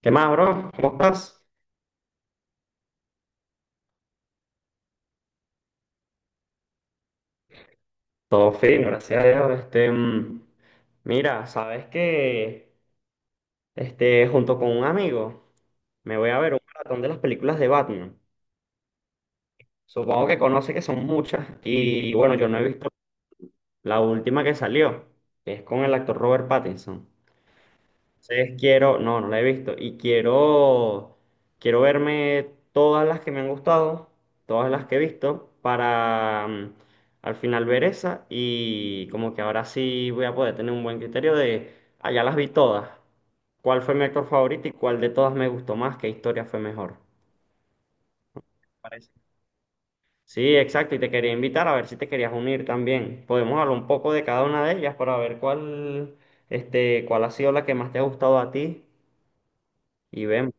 ¿Qué más, bro? ¿Cómo estás? Todo fino, gracias a Dios. Mira, sabes que junto con un amigo me voy a ver un maratón de las películas de Batman. Supongo que conoce que son muchas y bueno, yo no he visto la última que salió, que es con el actor Robert Pattinson. Entonces quiero, no, no la he visto y quiero, quiero verme todas las que me han gustado, todas las que he visto para al final ver esa y como que ahora sí voy a poder tener un buen criterio de, ah, ya las vi todas, cuál fue mi actor favorito y cuál de todas me gustó más, qué historia fue mejor. Parece. Sí, exacto, y te quería invitar a ver si te querías unir también. Podemos hablar un poco de cada una de ellas para ver cuál, cuál ha sido la que más te ha gustado a ti y vemos,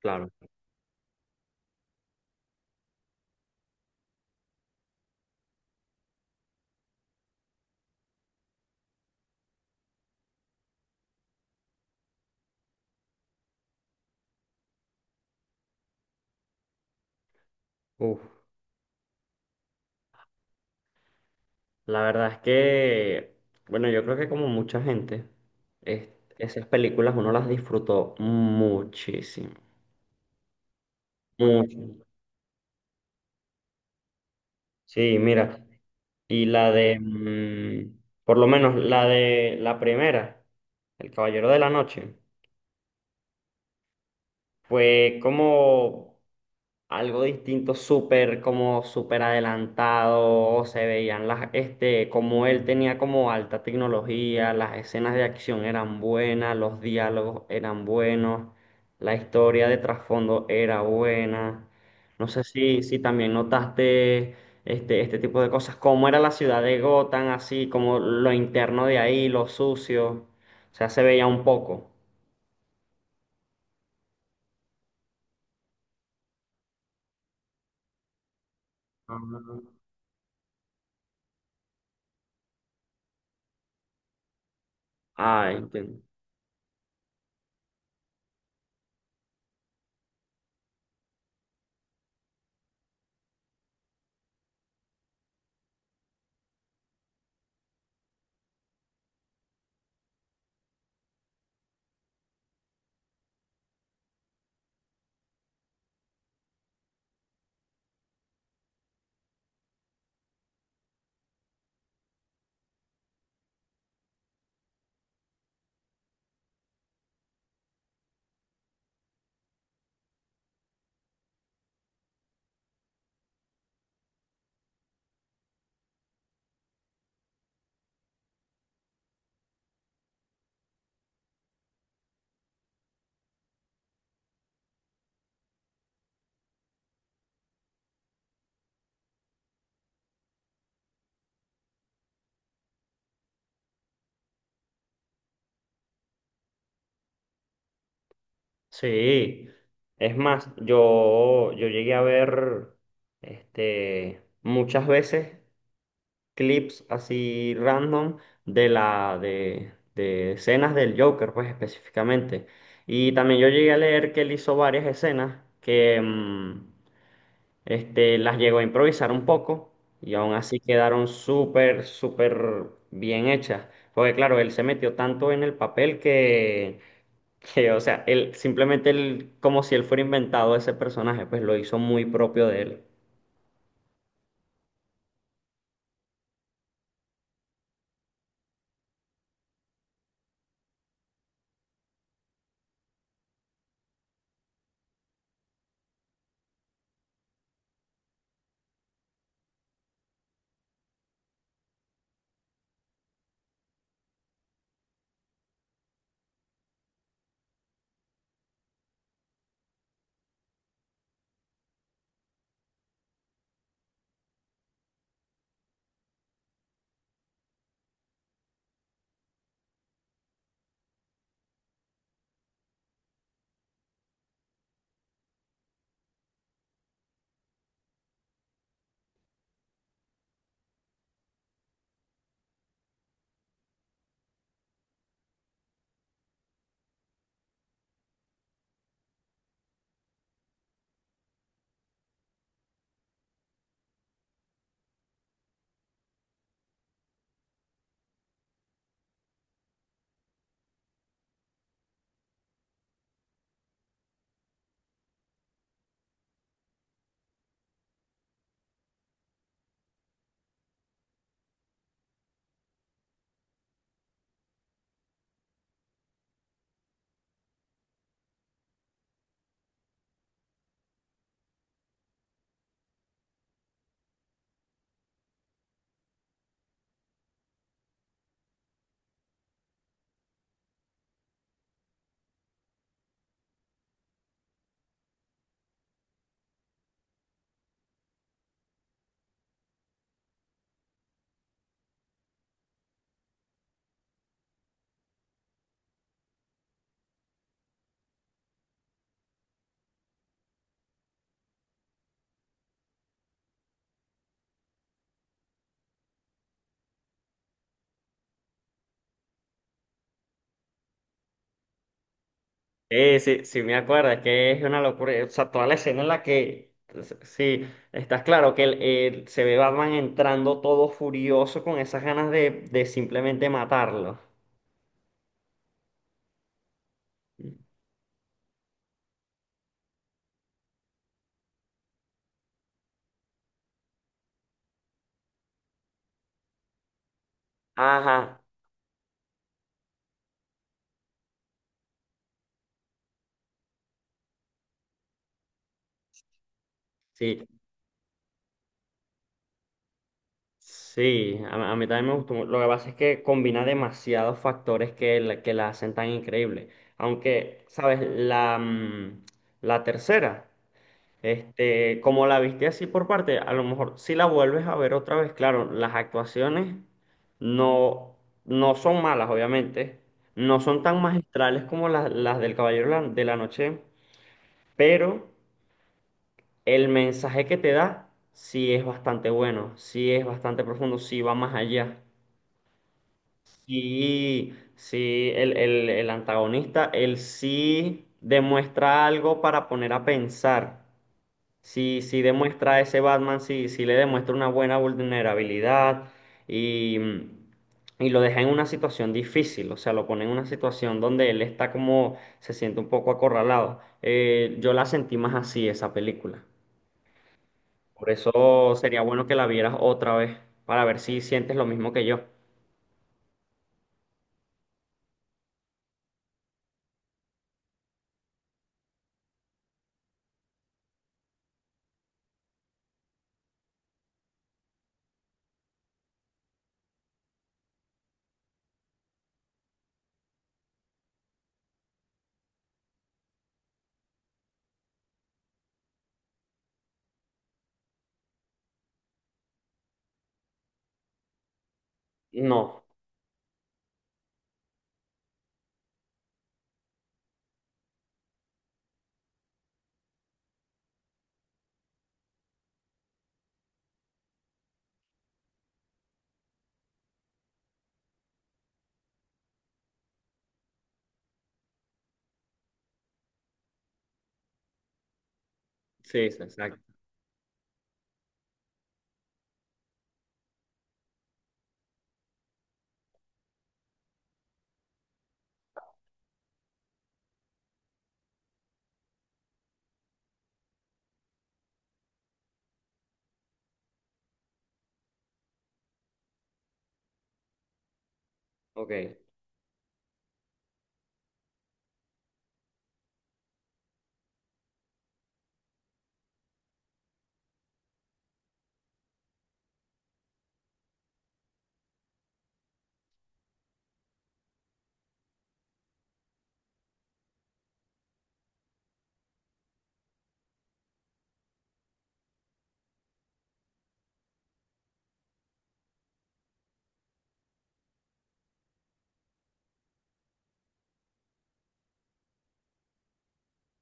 claro. Uf, la verdad es que, bueno, yo creo que como mucha gente, es- esas películas uno las disfrutó muchísimo, mucho. Sí, mira, y por lo menos la de la primera, El Caballero de la Noche. Fue como algo distinto, súper, como súper adelantado, se veían las, como él tenía como alta tecnología, las escenas de acción eran buenas, los diálogos eran buenos, la historia de trasfondo era buena. No sé si, si también notaste este tipo de cosas, cómo era la ciudad de Gotham, así como lo interno de ahí, lo sucio, o sea, se veía un poco. Ah, ah, entiendo. Sí, es más, yo llegué a ver muchas veces clips así random de de escenas del Joker, pues específicamente. Y también yo llegué a leer que él hizo varias escenas que las llegó a improvisar un poco y aún así quedaron súper, súper bien hechas. Porque claro, él se metió tanto en el papel que, o sea, él simplemente él, como si él fuera inventado ese personaje, pues lo hizo muy propio de él. Sí, sí, sí, me acuerdo, es que es una locura. O sea, toda la escena en la que, sí, estás claro que se ve Batman entrando todo furioso con esas ganas de simplemente matarlo. Ajá, sí, sí, a mí también me gustó. Lo que pasa es que combina demasiados factores que que la hacen tan increíble. Aunque, ¿sabes? La tercera. Este, como la viste así por parte, a lo mejor si la vuelves a ver otra vez, claro, las actuaciones no, no son malas, obviamente, no son tan magistrales como las del de la Noche, pero el mensaje que te da sí es bastante bueno, sí es bastante profundo, sí va más allá. Sí, sí, el antagonista, él sí demuestra algo para poner a pensar. Sí, sí demuestra a ese Batman, sí, sí le demuestra una buena vulnerabilidad y, y lo deja en una situación difícil, o sea, lo pone en una situación donde él está como, se siente un poco acorralado. Yo la sentí más así, esa película. Por eso sería bueno que la vieras otra vez, para ver si sientes lo mismo que yo. No, sí, sí, exacto. Ok.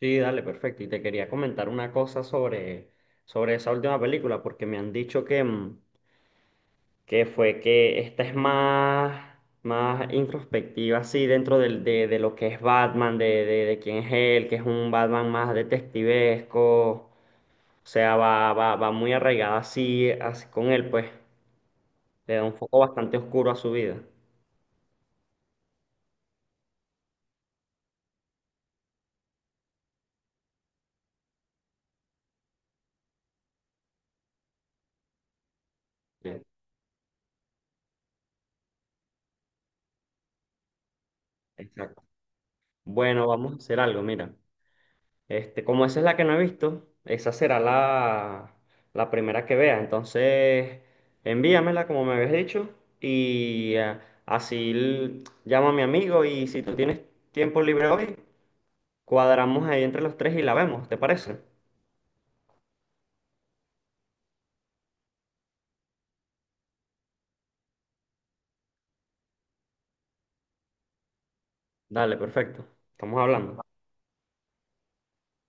Sí, dale, perfecto. Y te quería comentar una cosa sobre, sobre esa última película, porque me han dicho que que fue que esta es más, más introspectiva, así, dentro de lo que es Batman, de quién es él, que es un Batman más detectivesco, o sea, va, va, va muy arraigada así, así con él, pues, le da un foco bastante oscuro a su vida. Sí, exacto. Bueno, vamos a hacer algo, mira. Este, como esa es la que no he visto, esa será la, la primera que vea. Entonces, envíamela como me habías dicho y así llamo a mi amigo y si tú tienes tiempo libre hoy, cuadramos ahí entre los tres y la vemos, ¿te parece? Dale, perfecto. Estamos hablando.